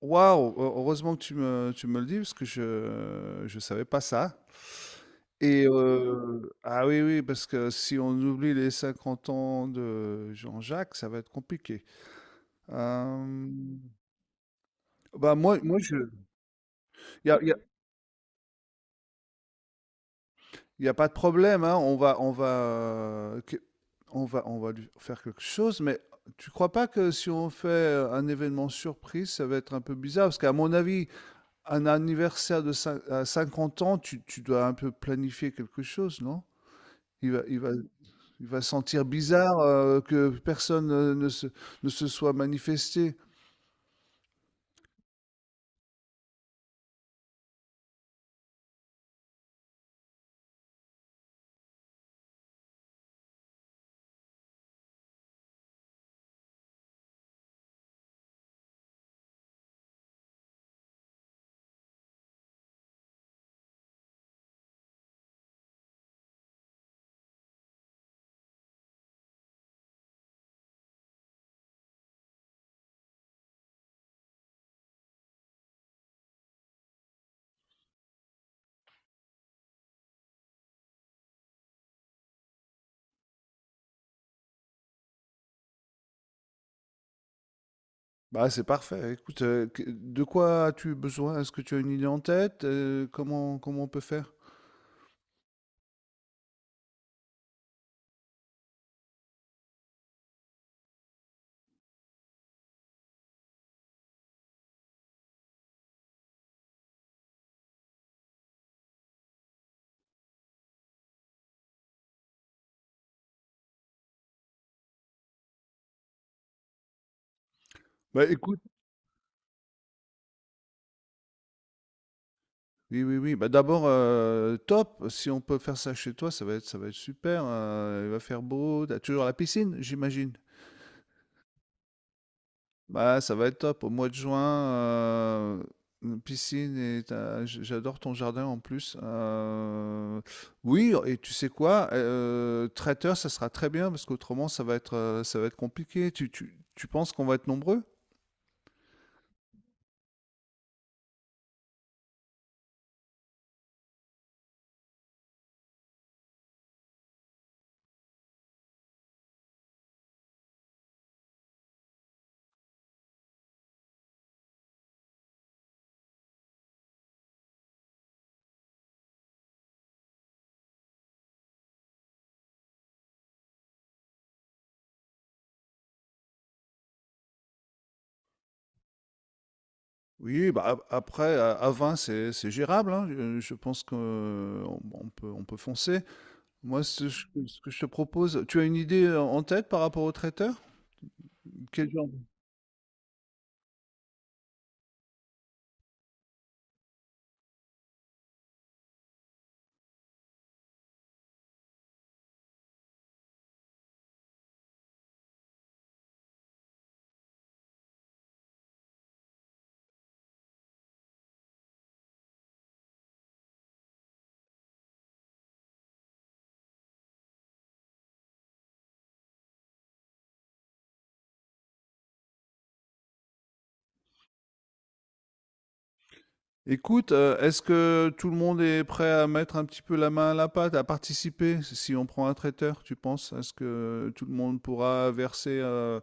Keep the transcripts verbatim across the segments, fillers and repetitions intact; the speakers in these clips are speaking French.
Waouh! Heureusement que tu me tu me le dis parce que je je savais pas ça, et heu ah oui, oui, parce que si on oublie les cinquante ans de Jean-Jacques, ça va être compliqué. Hem, Bah, moi moi je... il y a il y a il y a pas de problème, hein, on va on va, heu, que on va on va lui faire quelque chose. Mais tu crois pas que si on fait, heu, un événement surprise, ça va être un peu bizarre? Parce qu'à mon avis, un anniversaire de cin à cinquante ans, tu tu dois un peu planifier quelque chose, non? Il va il va il va sentir bizarre, heu, que personne, heu, ne se ne se soit manifesté. Bah, c'est parfait. Écoute, heu, que de quoi as-tu besoin? Est-ce que tu as une idée en tête? Heu, comment comment on peut faire? Bah, écoute, oui, oui, oui, bah, d'abord, heu, top, si on peut faire ça chez toi, ça va être ça va être super. Heu, il va faire beau, tu toujours la piscine, j'imagine? Bah, ça va être top au mois de juin, heu, une piscine et tu... j j'adore ton jardin en plus, heu, oui. Et tu sais quoi? Heu, traiteur, ça sera très bien parce qu'autrement ça va être, heu, ça va être compliqué. Tu tu tu penses qu'on va être nombreux? Oui, bah, ap après à à vingt, c'est c'est gérable, hein, heu, je pense qu'on... on on peut on peut foncer. Moi, ce ch ce que je te propose, tu as une idée, heu, en tête par rapport au traiteur? Quel genre... écoute, heu, est-ce que tout le monde est prêt à mettre un petit peu la main à la pâte, à participer? Si si on prend un traiteur, tu penses? Est-ce que tout le monde pourra verser, heu,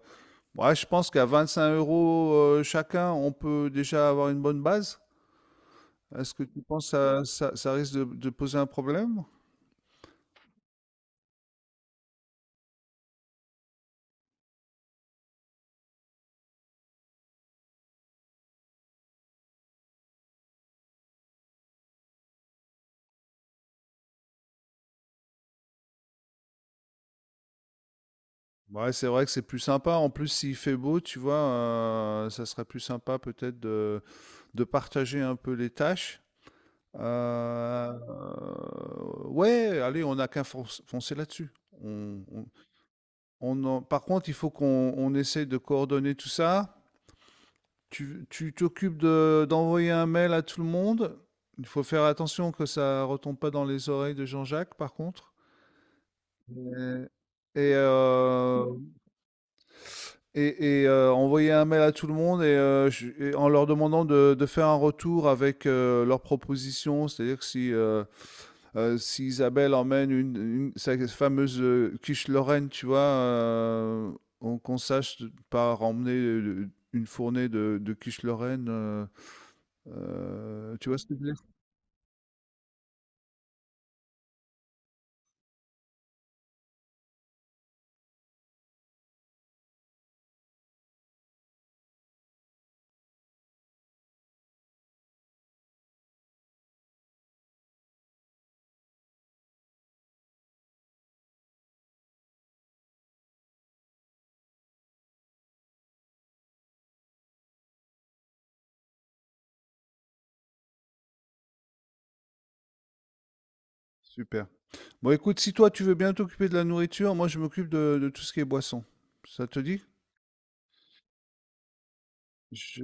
ouais, je pense qu'à vingt-cinq euros €, heu, chacun, on peut déjà avoir une bonne base. Est-ce que tu penses que ça ça ça risque de de poser un problème? Ouais, c'est vrai que c'est plus sympa. En plus, s'il fait beau, tu vois, heu, ça serait plus sympa peut-être de de partager un peu les tâches. Euh, ouais, allez, on n'a qu'à fonc- foncer là-dessus. On, on- on en- Par contre, il faut qu'on on essaye de coordonner tout ça. Tu tu t'occupes de- d'envoyer un mail à tout le monde. Il faut faire attention que ça retombe pas dans les oreilles de Jean-Jacques, par contre. Euh, Et, euh, et, et, euh, envoyer un mail à tout le monde et, euh, je- et en leur demandant de de faire un retour avec euh, leurs propositions. C'est-à-dire que si, euh, Euh, si Isabelle emmène une, une- sa fameuse euh, quiche Lorraine, tu vois, euh, on- qu'on sache de- pas emmener euh, une fournée de, de quiche Lorraine, euh, euh, tu vois, s'il te plaît. Super. Bon, écoute, si toi tu veux bien t'occuper de la nourriture, moi je m'occupe de, de tout ce qui est boisson. Ça te dit? Je-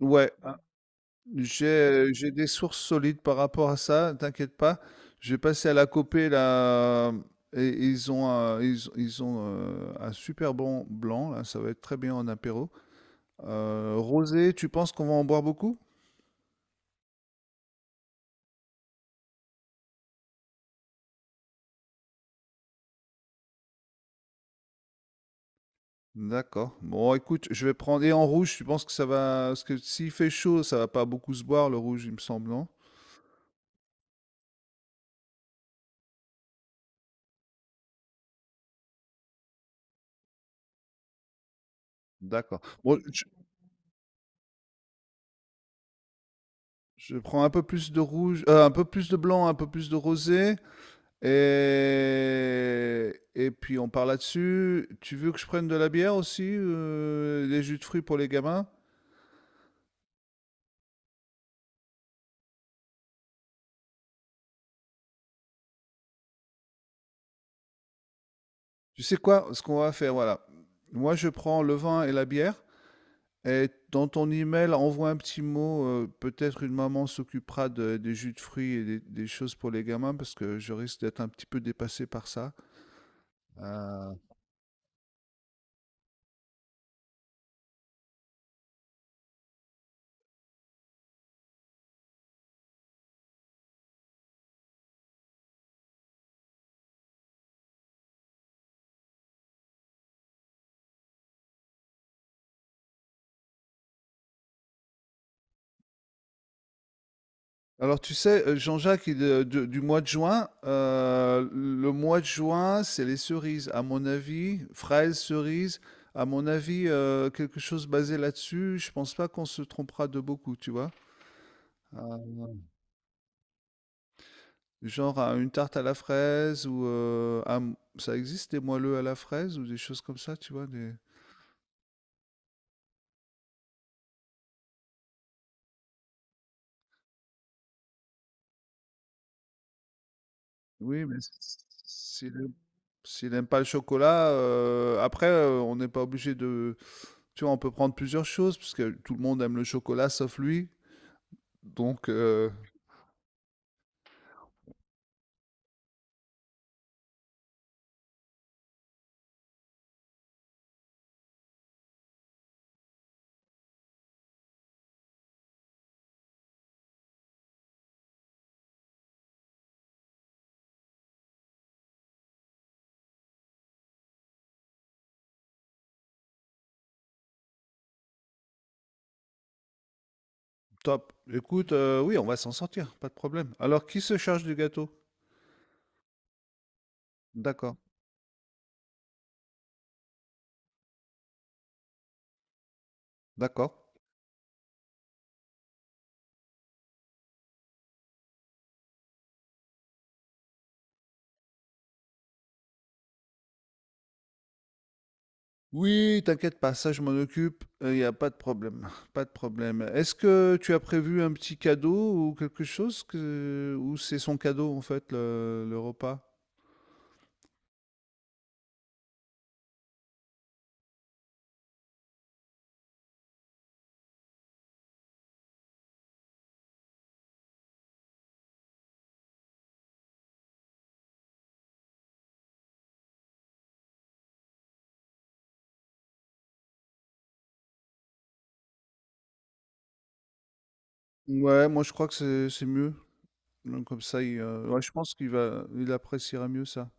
Ouais. J'ai euh, j'ai des sources solides par rapport à ça, t'inquiète pas. J'ai passé à la Copé là et ils ont un, ils, ils ont euh, un super bon blanc là, ça va être très bien en apéro. Euh, rosé, tu penses qu'on va en boire beaucoup? D'accord. Bon, écoute, je vais prendre. Et en rouge, tu penses que ça va? Parce que s'il fait chaud, ça va pas beaucoup se boire, le rouge, il me semble, non? D'accord. Bon, je, je prends un peu plus de rouge, euh, un peu plus de blanc, un peu plus de rosé. Et, et puis on part là-dessus. Tu veux que je prenne de la bière aussi, euh, des jus de fruits pour les gamins? Tu sais quoi? Ce qu'on va faire, voilà. Moi, je prends le vin et la bière. Et dans ton email, envoie un petit mot. Euh, peut-être une maman s'occupera de- des jus de fruits et des, des choses pour les gamins, parce que je risque d'être un petit peu dépassé par ça. Euh, Alors tu sais, heu, Jean-Jacques, il, heu, de du mois de juin, heu, le mois de juin, c'est les cerises à mon avis, fraises, cerises, à mon avis, heu, quelque chose basé là-dessus, je pense pas qu'on se trompera de beaucoup, tu vois? Heu, genre à une tarte à la fraise, ou, heu, un... ça existe des moelleux à la fraise ou des choses comme ça, tu vois? Des... oui, mais s s s'il aime... s'il aime pas le chocolat, heu, après, heu, on n'est pas obligé de... Tu vois, on peut prendre plusieurs choses, parce que tout le monde aime le chocolat sauf lui. Donc, euh, top. Écoute, euh, oui, on va s'en sortir, pas de problème. Alors, qui se charge du gâteau? D'accord, d'accord. Oui, t'inquiète pas, ça je m'en occupe, il n'y a pas de problème, pas de problème. Est-ce que tu as prévu un petit cadeau ou quelque chose que... ou c'est son cadeau en fait, le, le repas? Ouais, moi je crois que c'est c'est mieux. Donc, comme ça, il, euh, ouais, je pense qu'il va... il appréciera mieux ça.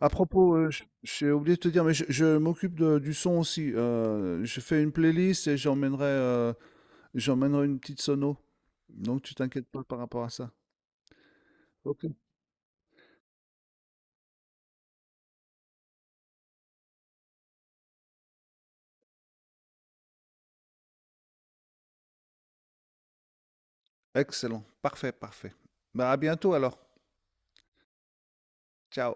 À propos, heu, j j'ai oublié de te dire, mais je je m'occupe de du son aussi, heu, je fais une playlist et j'emmènerai, heu, j'emmènerai une petite sono. Donc tu t'inquiètes pas par rapport à ça. OK. Excellent, parfait, parfait. Bah, à bientôt alors. Ciao.